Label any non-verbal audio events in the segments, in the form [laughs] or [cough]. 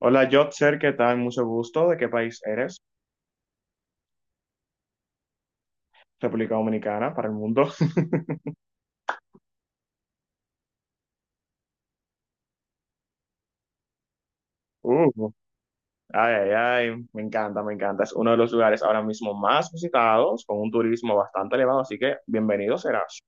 Hola, Jotzer, ¿qué tal? Mucho gusto. ¿De qué país eres? República Dominicana, para el mundo. [laughs] Uh, ay, ay, ay, me encanta, me encanta. Es uno de los lugares ahora mismo más visitados, con un turismo bastante elevado, así que bienvenido serás.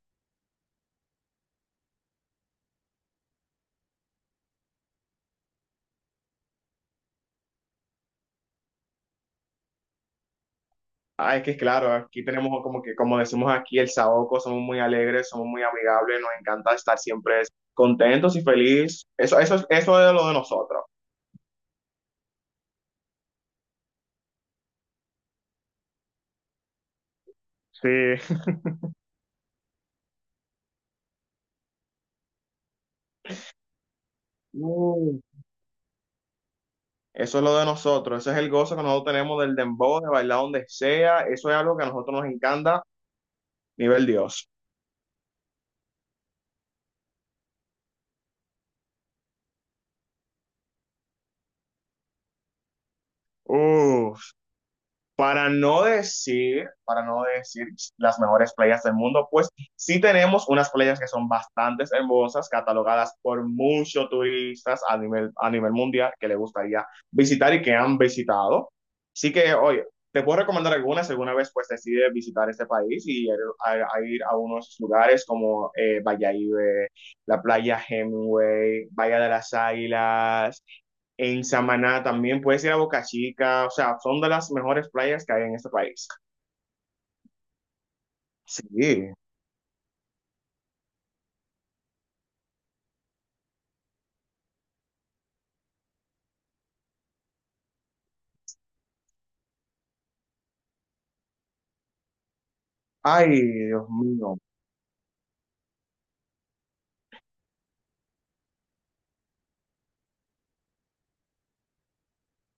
Ah, es que claro, aquí tenemos como que, como decimos aquí, el saoco, somos muy alegres, somos muy amigables, nos encanta estar siempre contentos y felices. Eso es lo de nosotros. Sí. [laughs] Uh, Eso es lo de nosotros, ese es el gozo que nosotros tenemos del dembow, de bailar donde sea, eso es algo que a nosotros nos encanta, nivel Dios. Uh. Para no decir las mejores playas del mundo, pues sí tenemos unas playas que son bastante hermosas, catalogadas por muchos turistas a nivel mundial que les gustaría visitar y que han visitado. Así que, oye, te puedo recomendar algunas si alguna vez pues decides visitar este país y ir a, a ir a unos lugares como Bayahíbe, la playa Hemingway, Bahía de las Águilas, en Samaná también, puedes ir a Boca Chica, o sea, son de las mejores playas que hay en este país. Sí. Ay, Dios mío.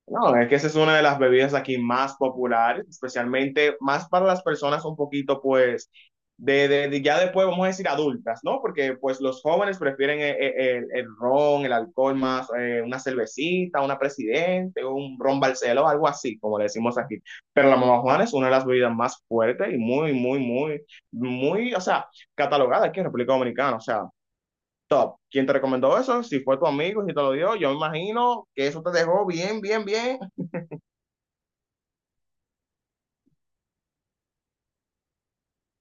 No, es que esa es una de las bebidas aquí más populares, especialmente más para las personas un poquito, pues, ya después vamos a decir adultas, ¿no? Porque pues los jóvenes prefieren el ron, el alcohol más, una cervecita, una presidente, un ron Barceló, algo así, como le decimos aquí. Pero la mamá Juana es una de las bebidas más fuertes y muy, muy, muy, muy, o sea, catalogada aquí en República Dominicana, o sea. Top. ¿Quién te recomendó eso? Si fue tu amigo, si te lo dio, yo me imagino que eso te dejó bien, bien, bien.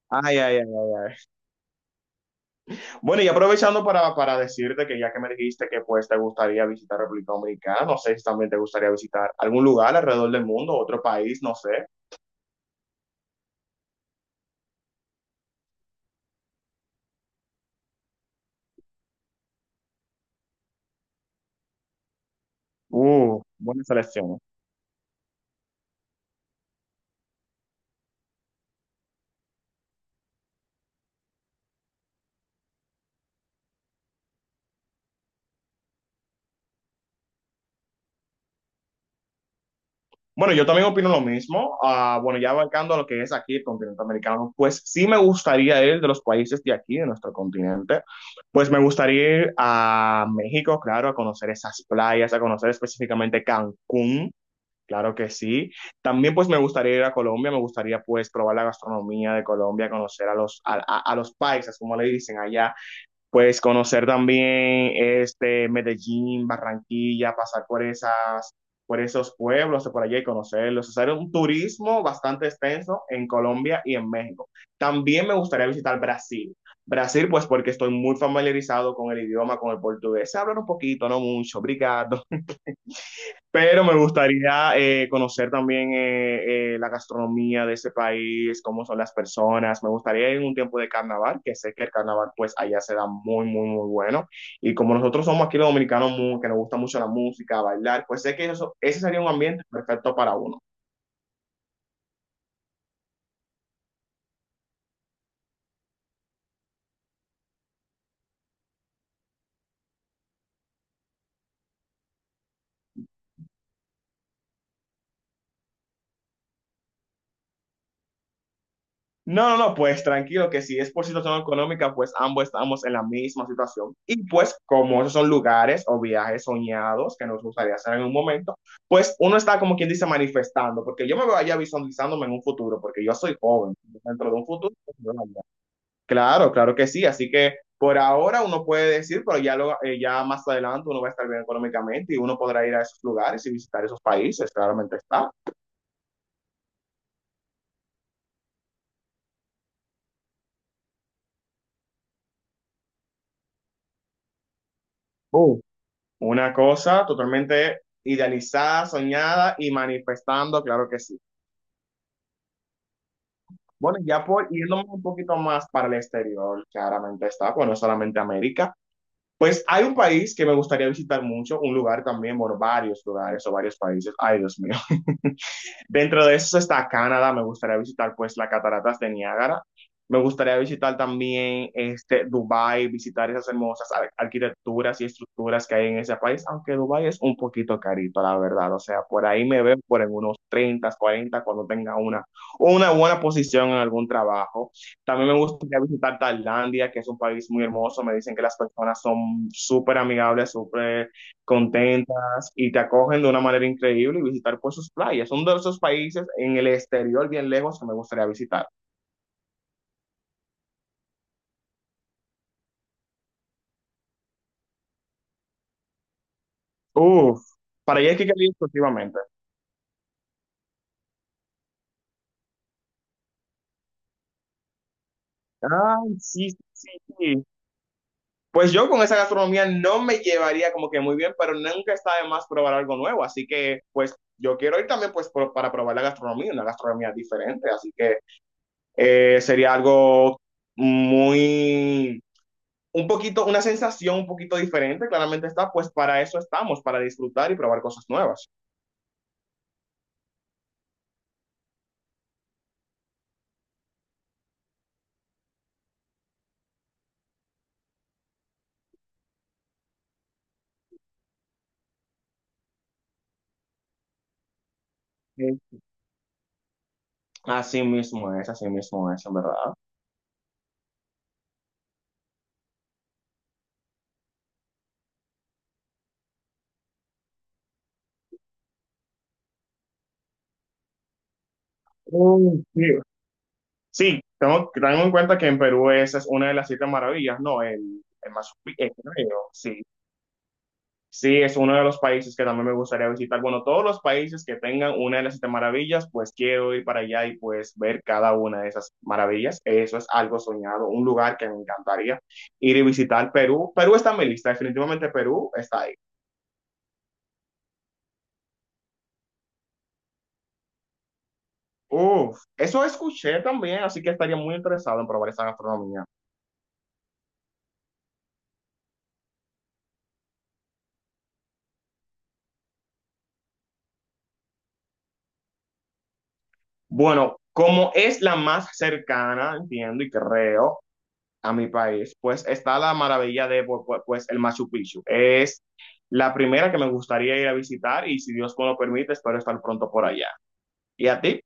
Ay, ay, ay. Bueno, y aprovechando para decirte que ya que me dijiste que pues te gustaría visitar República Dominicana, no sé si también te gustaría visitar algún lugar alrededor del mundo, otro país, no sé. Buena selección. Bueno, yo también opino lo mismo. Ah, bueno, ya abarcando lo que es aquí el continente americano, pues sí me gustaría ir de los países de aquí, de nuestro continente, pues me gustaría ir a México, claro, a conocer esas playas, a conocer específicamente Cancún. Claro que sí. También pues me gustaría ir a Colombia, me gustaría pues probar la gastronomía de Colombia, conocer a los paisas, como le dicen allá, pues conocer también este Medellín, Barranquilla, pasar por por esos pueblos de por allá y conocerlos, hacer un turismo bastante extenso en Colombia y en México. También me gustaría visitar Brasil. Brasil pues porque estoy muy familiarizado con el idioma, con el portugués. Se hablan un poquito, no mucho, obrigado. Pero me gustaría conocer también la gastronomía de ese país, cómo son las personas. Me gustaría ir en un tiempo de carnaval, que sé que el carnaval pues allá se da muy, muy, muy bueno. Y como nosotros somos aquí los dominicanos muy- que nos gusta mucho la música, bailar, pues sé que eso, ese sería un ambiente perfecto para uno. No, no, no, pues tranquilo, que si es por situación económica, pues ambos estamos en la misma situación. Y pues como esos son lugares o viajes soñados que nos gustaría hacer en un momento, pues uno está como quien dice manifestando, porque yo me voy allá visualizándome en un futuro, porque yo soy joven, dentro de un futuro. Pues, yo allá. Claro, claro que sí, así que por ahora uno puede decir, pero ya, ya más adelante uno va a estar bien económicamente y uno podrá ir a esos lugares y visitar esos países, claramente está. Una cosa totalmente idealizada, soñada y manifestando, claro que sí. Bueno, ya por irnos un poquito más para el exterior, claramente está, pues no solamente América. Pues hay un país que me gustaría visitar mucho, un lugar también, bueno, varios lugares o varios países. Ay, Dios mío. Dentro de eso está Canadá, me gustaría visitar pues las cataratas de Niágara. Me gustaría visitar también este, Dubái, visitar esas hermosas arquitecturas y estructuras que hay en ese país, aunque Dubái es un poquito carito, la verdad. O sea, por ahí me veo por en unos 30, 40 cuando tenga una buena posición en algún trabajo. También me gustaría visitar Tailandia, que es un país muy hermoso. Me dicen que las personas son súper amigables, súper contentas y te acogen de una manera increíble y visitar pues sus playas. Son de esos países en el exterior bien lejos que me gustaría visitar. Uf, para allá es que quiero ir exclusivamente. Ah, sí, sí, sí. Sí. Pues yo con esa gastronomía no me llevaría como que muy bien, pero nunca está de más probar algo nuevo. Así que pues yo quiero ir también para probar la gastronomía, una gastronomía diferente. Así que sería algo muy un poquito, una sensación un poquito diferente, claramente está, pues para eso estamos, para disfrutar y probar cosas nuevas. Sí. Así mismo es, en verdad. Mm, sí. Sí, tengo en cuenta que en Perú esa es una de las 7 maravillas, ¿no? El Machu Picchu, creo, sí. Sí, es uno de los países que también me gustaría visitar. Bueno, todos los países que tengan una de las 7 maravillas, pues quiero ir para allá y pues ver cada una de esas maravillas. Eso es algo soñado, un lugar que me encantaría ir y visitar. Perú, Perú está en mi lista, definitivamente Perú está ahí. Uf, eso escuché también, así que estaría muy interesado en probar esa gastronomía. Bueno, como es la más cercana, entiendo y creo, a mi país, pues está la maravilla de pues el Machu Picchu. Es la primera que me gustaría ir a visitar y si Dios me lo permite, espero estar pronto por allá. ¿Y a ti?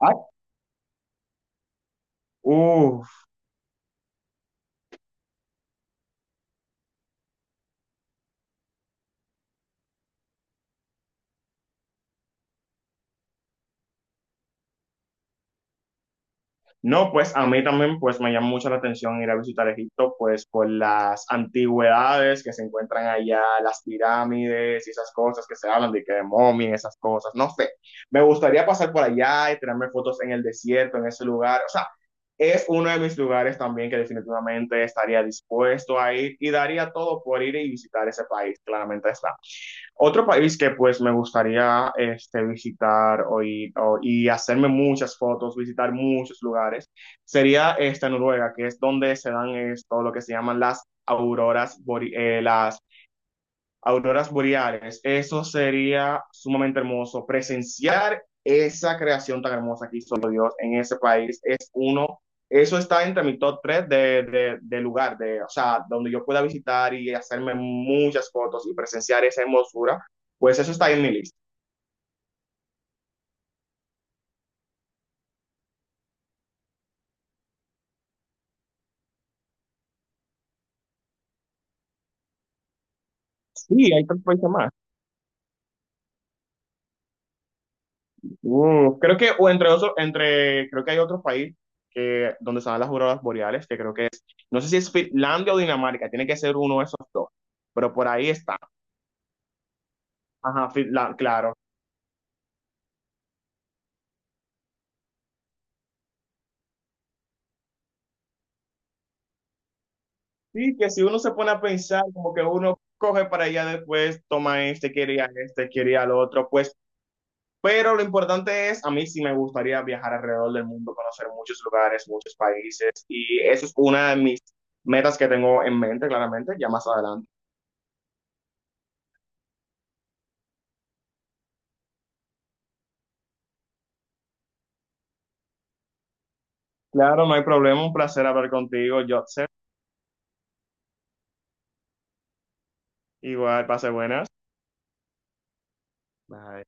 Ay, Uh, no, pues a mí también pues me llama mucho la atención ir a visitar Egipto, pues por las antigüedades que se encuentran allá, las pirámides y esas cosas que se hablan de que de momia, esas cosas, no sé. Me gustaría pasar por allá y tirarme fotos en el desierto, en ese lugar. O sea, es uno de mis lugares también que definitivamente estaría dispuesto a ir y daría todo por ir y visitar ese país, claramente está. Otro país que pues me gustaría este, visitar o ir- o- y hacerme muchas fotos, visitar muchos lugares, sería esta Noruega, que es donde se dan esto, lo que se llaman las las auroras boreales. Eso sería sumamente hermoso. Presenciar esa creación tan hermosa que hizo Dios en ese país es uno, eso está entre mi top 3 de lugar, de, o sea, donde yo pueda visitar y hacerme muchas fotos y presenciar esa hermosura. Pues eso está en mi lista. Sí, hay otros países más. Mm, creo que, o entre otros, entre, creo que hay otro país donde están las auroras boreales, que creo que es, no sé si es Finlandia o Dinamarca, tiene que ser uno de esos dos, pero por ahí está. Ajá, claro. Sí, que si uno se pone a pensar, como que uno coge para allá después, toma este, quiere ir a este, quiere ir al otro, pues. Pero lo importante es, a mí sí me gustaría viajar alrededor del mundo, conocer muchos lugares, muchos países, y eso es una de mis metas que tengo en mente, claramente, ya más adelante. Claro, no hay problema, un placer hablar contigo, Jotzer. Igual, pase buenas. Bye.